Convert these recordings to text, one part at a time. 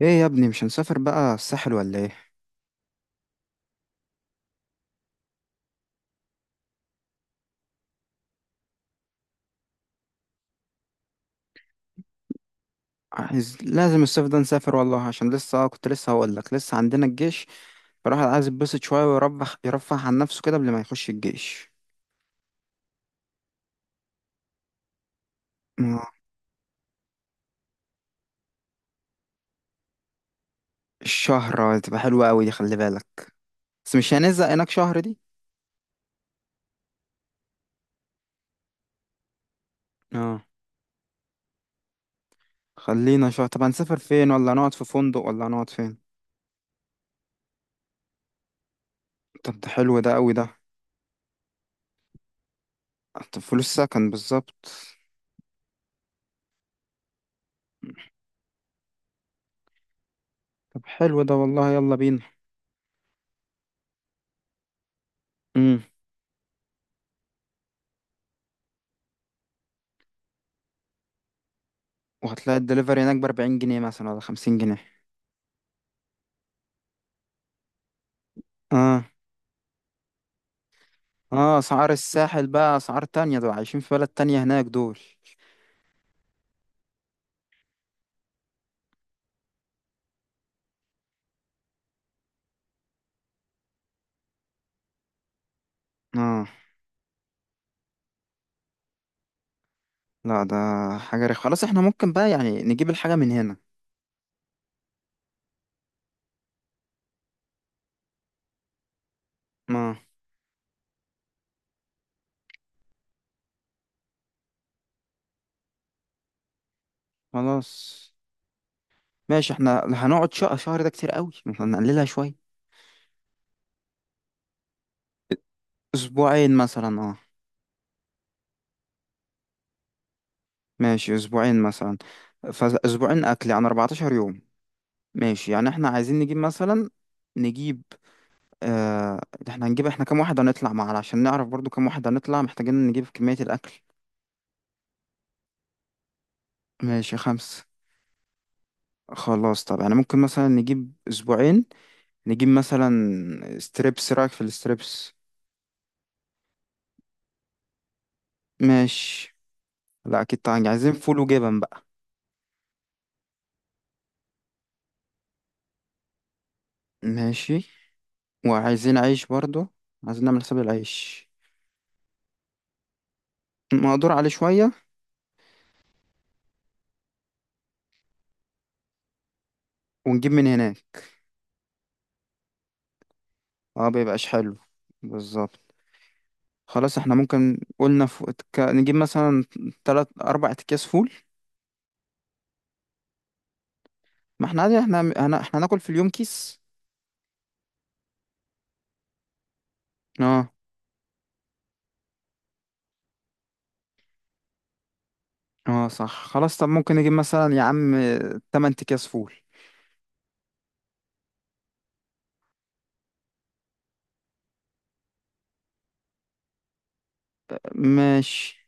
ايه يا ابني، مش هنسافر بقى الساحل ولا ايه؟ عايز، لازم الصيف ده نسافر والله، عشان لسه كنت لسه هقول لك لسه عندنا الجيش. فالواحد عايز يتبسط شويه ويرفه عن نفسه كده قبل ما يخش الجيش. آه، الشهر تبقى حلوه قوي دي، خلي بالك. بس مش هنزهق هناك شهر دي؟ اه، خلينا شهر. طب هنسافر فين؟ ولا نقعد في فندق، ولا نقعد فين؟ طب ده حلو ده، قوي ده. طب فلوس سكن بالظبط. طب حلو ده والله، يلا بينا. امم. وهتلاقي الدليفري هناك بأربعين جنيه مثلا ولا خمسين جنيه؟ اه. اه، اسعار الساحل بقى اسعار تانية، دول عايشين في بلد تانية هناك دول. اه. لا ده حاجة رخ، خلاص احنا ممكن بقى يعني نجيب الحاجة من هنا. اه. خلاص ماشي. احنا هنقعد شهر؟ شهر ده كتير قوي، احنا نقللها شوية. اسبوعين مثلا اه. ماشي اسبوعين مثلا. فاسبوعين اكل يعني 14 يوم. ماشي، يعني احنا عايزين نجيب مثلا، نجيب آه. احنا هنجيب، احنا كام واحد هنطلع معانا عشان نعرف برضو كام واحد هنطلع، محتاجين نجيب كمية الاكل. ماشي خمسة. خلاص. طب انا ممكن مثلا نجيب اسبوعين، نجيب مثلا ستريبس. رايك في الستريبس؟ ماشي. لا اكيد طبعا، عايزين فول وجبن بقى. ماشي. وعايزين عيش برضو، عايزين نعمل حساب العيش. مقدور عليه شوية. ونجيب من هناك. اه بيبقاش حلو. بالظبط. خلاص احنا ممكن قلنا نجيب مثلا تلات اربع اكياس فول. ما احنا عادي، احنا احنا هناكل في اليوم كيس. اه. اه صح، خلاص طب ممكن نجيب مثلا يا عم تمن اكياس فول. ماشي،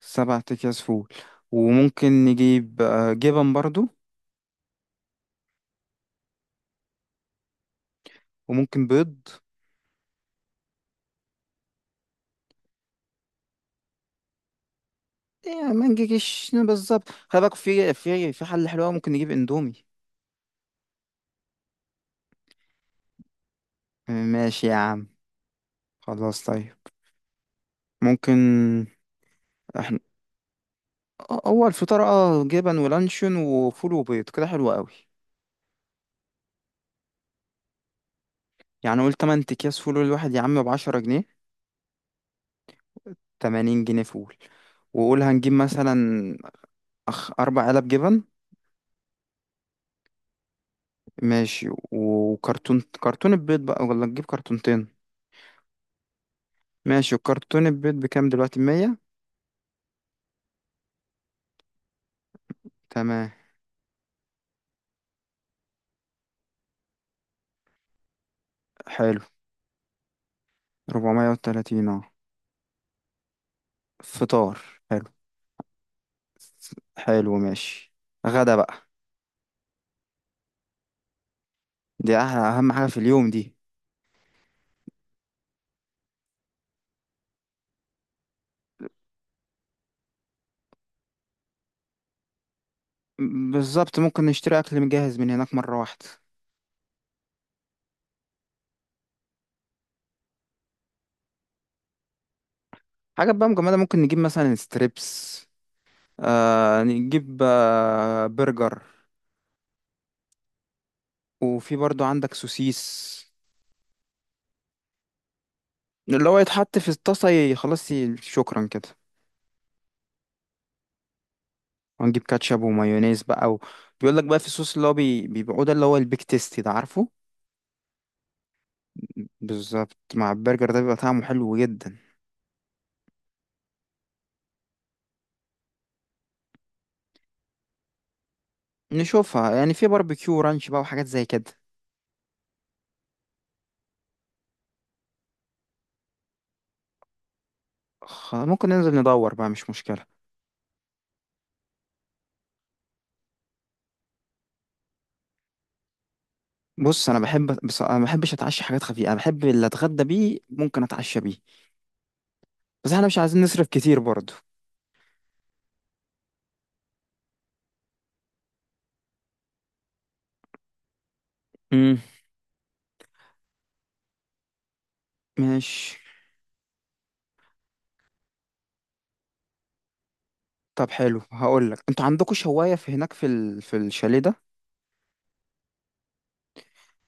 سبع أكياس فول. وممكن نجيب جبن برضو. وممكن بيض. يعني ما نجيش بالظبط، خلي بالك، في حل حلو أوي، ممكن نجيب اندومي. ماشي يا عم. خلاص طيب. ممكن. احنا، هو الفطار اه جبن ولانشون وفول وبيض، كده حلو قوي. يعني قول تمن أكياس فول، الواحد يا عم بعشرة جنيه. تمانين جنيه فول. وقول هنجيب مثلا، أربع علب جبن. ماشي. وكرتون، كرتون البيض بقى ولا نجيب كرتونتين؟ ماشي، وكرتون البيض بكام دلوقتي؟ مية؟ تمام. حلو. ربعمية وتلاتين اه. فطار. حلو. حلو ماشي. غدا بقى. دي أحلى، أهم حاجة في اليوم دي. بالظبط، ممكن نشتري أكل مجهز من هناك مرة واحدة. حاجة بقى مجمدة، ممكن نجيب مثلا ستريبس، آه نجيب آه برجر. وفي برضو عندك سوسيس. اللي هو يتحط في الطاسة شكرا كده. ونجيب كاتشب ومايونيز بقى و... بيقول لك بقى في صوص اللي هو بيبيعوه، ده اللي هو البيك تيستي ده، عارفه؟ بالظبط، مع البرجر ده بيبقى طعمه حلو جدا. نشوفها، يعني في باربيكيو رانش بقى وحاجات زي كده. ممكن ننزل ندور بقى، مش مشكلة. بص انا بحب، بص انا ما بحبش اتعشى حاجات خفيفة، انا بحب اللي اتغدى بيه ممكن اتعشى بيه. بس احنا مش عايزين نصرف كتير برضو. امم. ماشي. طب حلو، هقول لك، انتوا عندكم شواية في هناك في ال... في الشاليه ده؟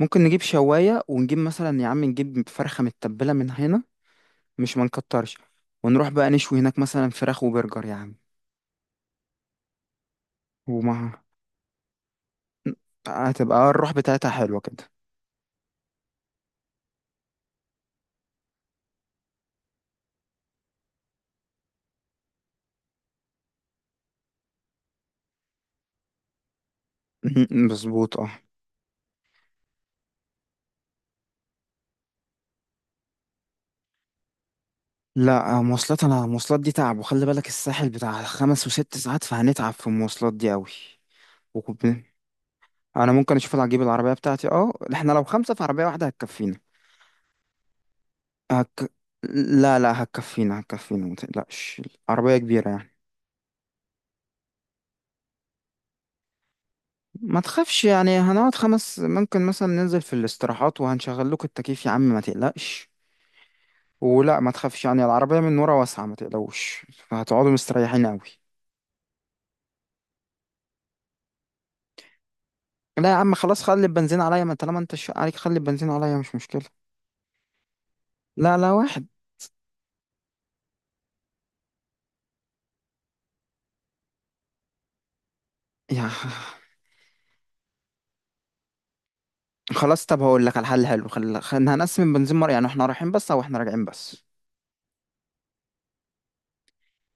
ممكن نجيب شواية، ونجيب مثلا يا عم نجيب فرخة متبلة من هنا، مش ما نكترش. ونروح بقى نشوي هناك مثلا فراخ وبرجر يا عم. ومع، هتبقى الروح بتاعتها حلوة كده. مظبوط اه. لا مواصلات، انا المواصلات دي تعب. وخلي بالك الساحل بتاع خمس وست ساعات، فهنتعب في المواصلات دي قوي. وكب... انا ممكن اشوف اجيب العربية بتاعتي، اه احنا لو خمسة في عربية واحدة هتكفينا. هك... لا هتكفينا ما تقلقش، عربية كبيرة يعني. ما تخافش، يعني هنقعد خمس، ممكن مثلا ننزل في الاستراحات وهنشغل لكم التكييف يا عم ما تقلقش. ولا ما تخافش، يعني العربية من ورا واسعة، ما تقلقوش، هتقعدوا مستريحين قوي. لا يا عم خلاص، خلي البنزين عليا، ما طالما انت الشق عليك خلي البنزين عليا، مش مشكلة. لا واحد، يا خلاص. طب هقول لك على حل حلو، هنقسم البنزين مرة، يعني احنا رايحين بس او احنا راجعين بس.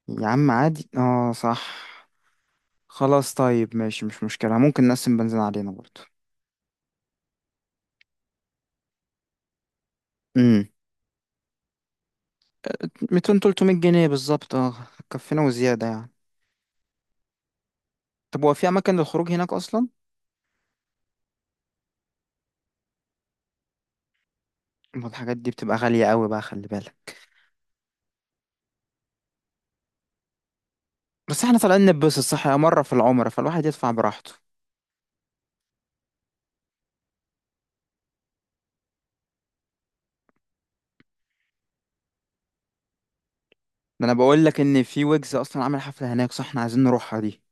يا عم عادي اه صح. خلاص طيب ماشي، مش مشكلة، ممكن نقسم بنزين علينا برضه. امم. 200، 300 جنيه بالظبط اه. هتكفينا وزيادة يعني. طب هو في اماكن للخروج هناك اصلا؟ ما الحاجات دي بتبقى غالية قوي بقى، خلي بالك. بس احنا طالعين نتبسط، صح، يا مرة في العمر، فالواحد يدفع براحته. ده انا بقول لك ان في ويجز اصلا عامل حفلة هناك، صح، احنا عايزين نروحها دي.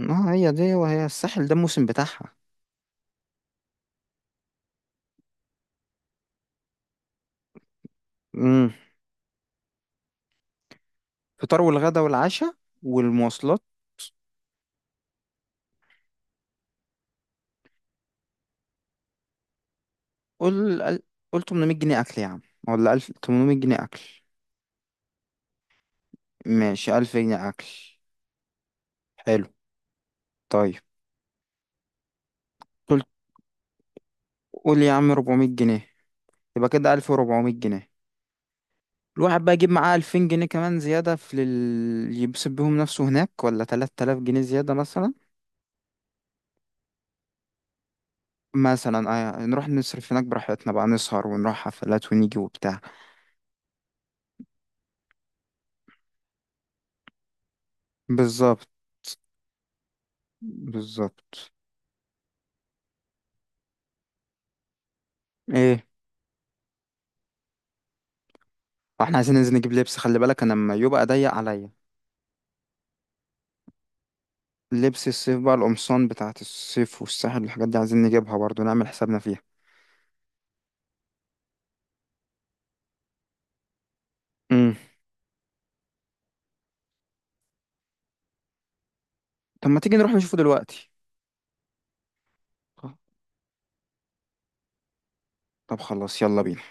اه هي دي، وهي الساحل ده الموسم بتاعها. امم. فطار والغدا والعشاء. والمواصلات. قول قل- قول 800 جنيه اكل يا عم، ولا 1000، 800 جنيه اكل. ماشي، 1000 جنيه اكل. حلو. طيب. قول قول يا عم 400 جنيه. يبقى كده 1400 جنيه. الواحد بقى يجيب معاه 2000 جنيه كمان زيادة في يبسط بيهم نفسه هناك، ولا 3000 جنيه زيادة مثلا. مثلا آه، نروح نصرف هناك براحتنا بقى، نسهر ونروح حفلات ونيجي وبتاع. بالظبط. بالظبط. ايه؟ واحنا عايزين ننزل نجيب لبس، خلي بالك انا لما يبقى ضيق عليا. لبس الصيف بقى، القمصان بتاعت الصيف والساحل والحاجات دي عايزين نجيبها برضو، نعمل حسابنا فيها. امم. طب ما تيجي نروح نشوفه دلوقتي. طب خلاص، يلا بينا.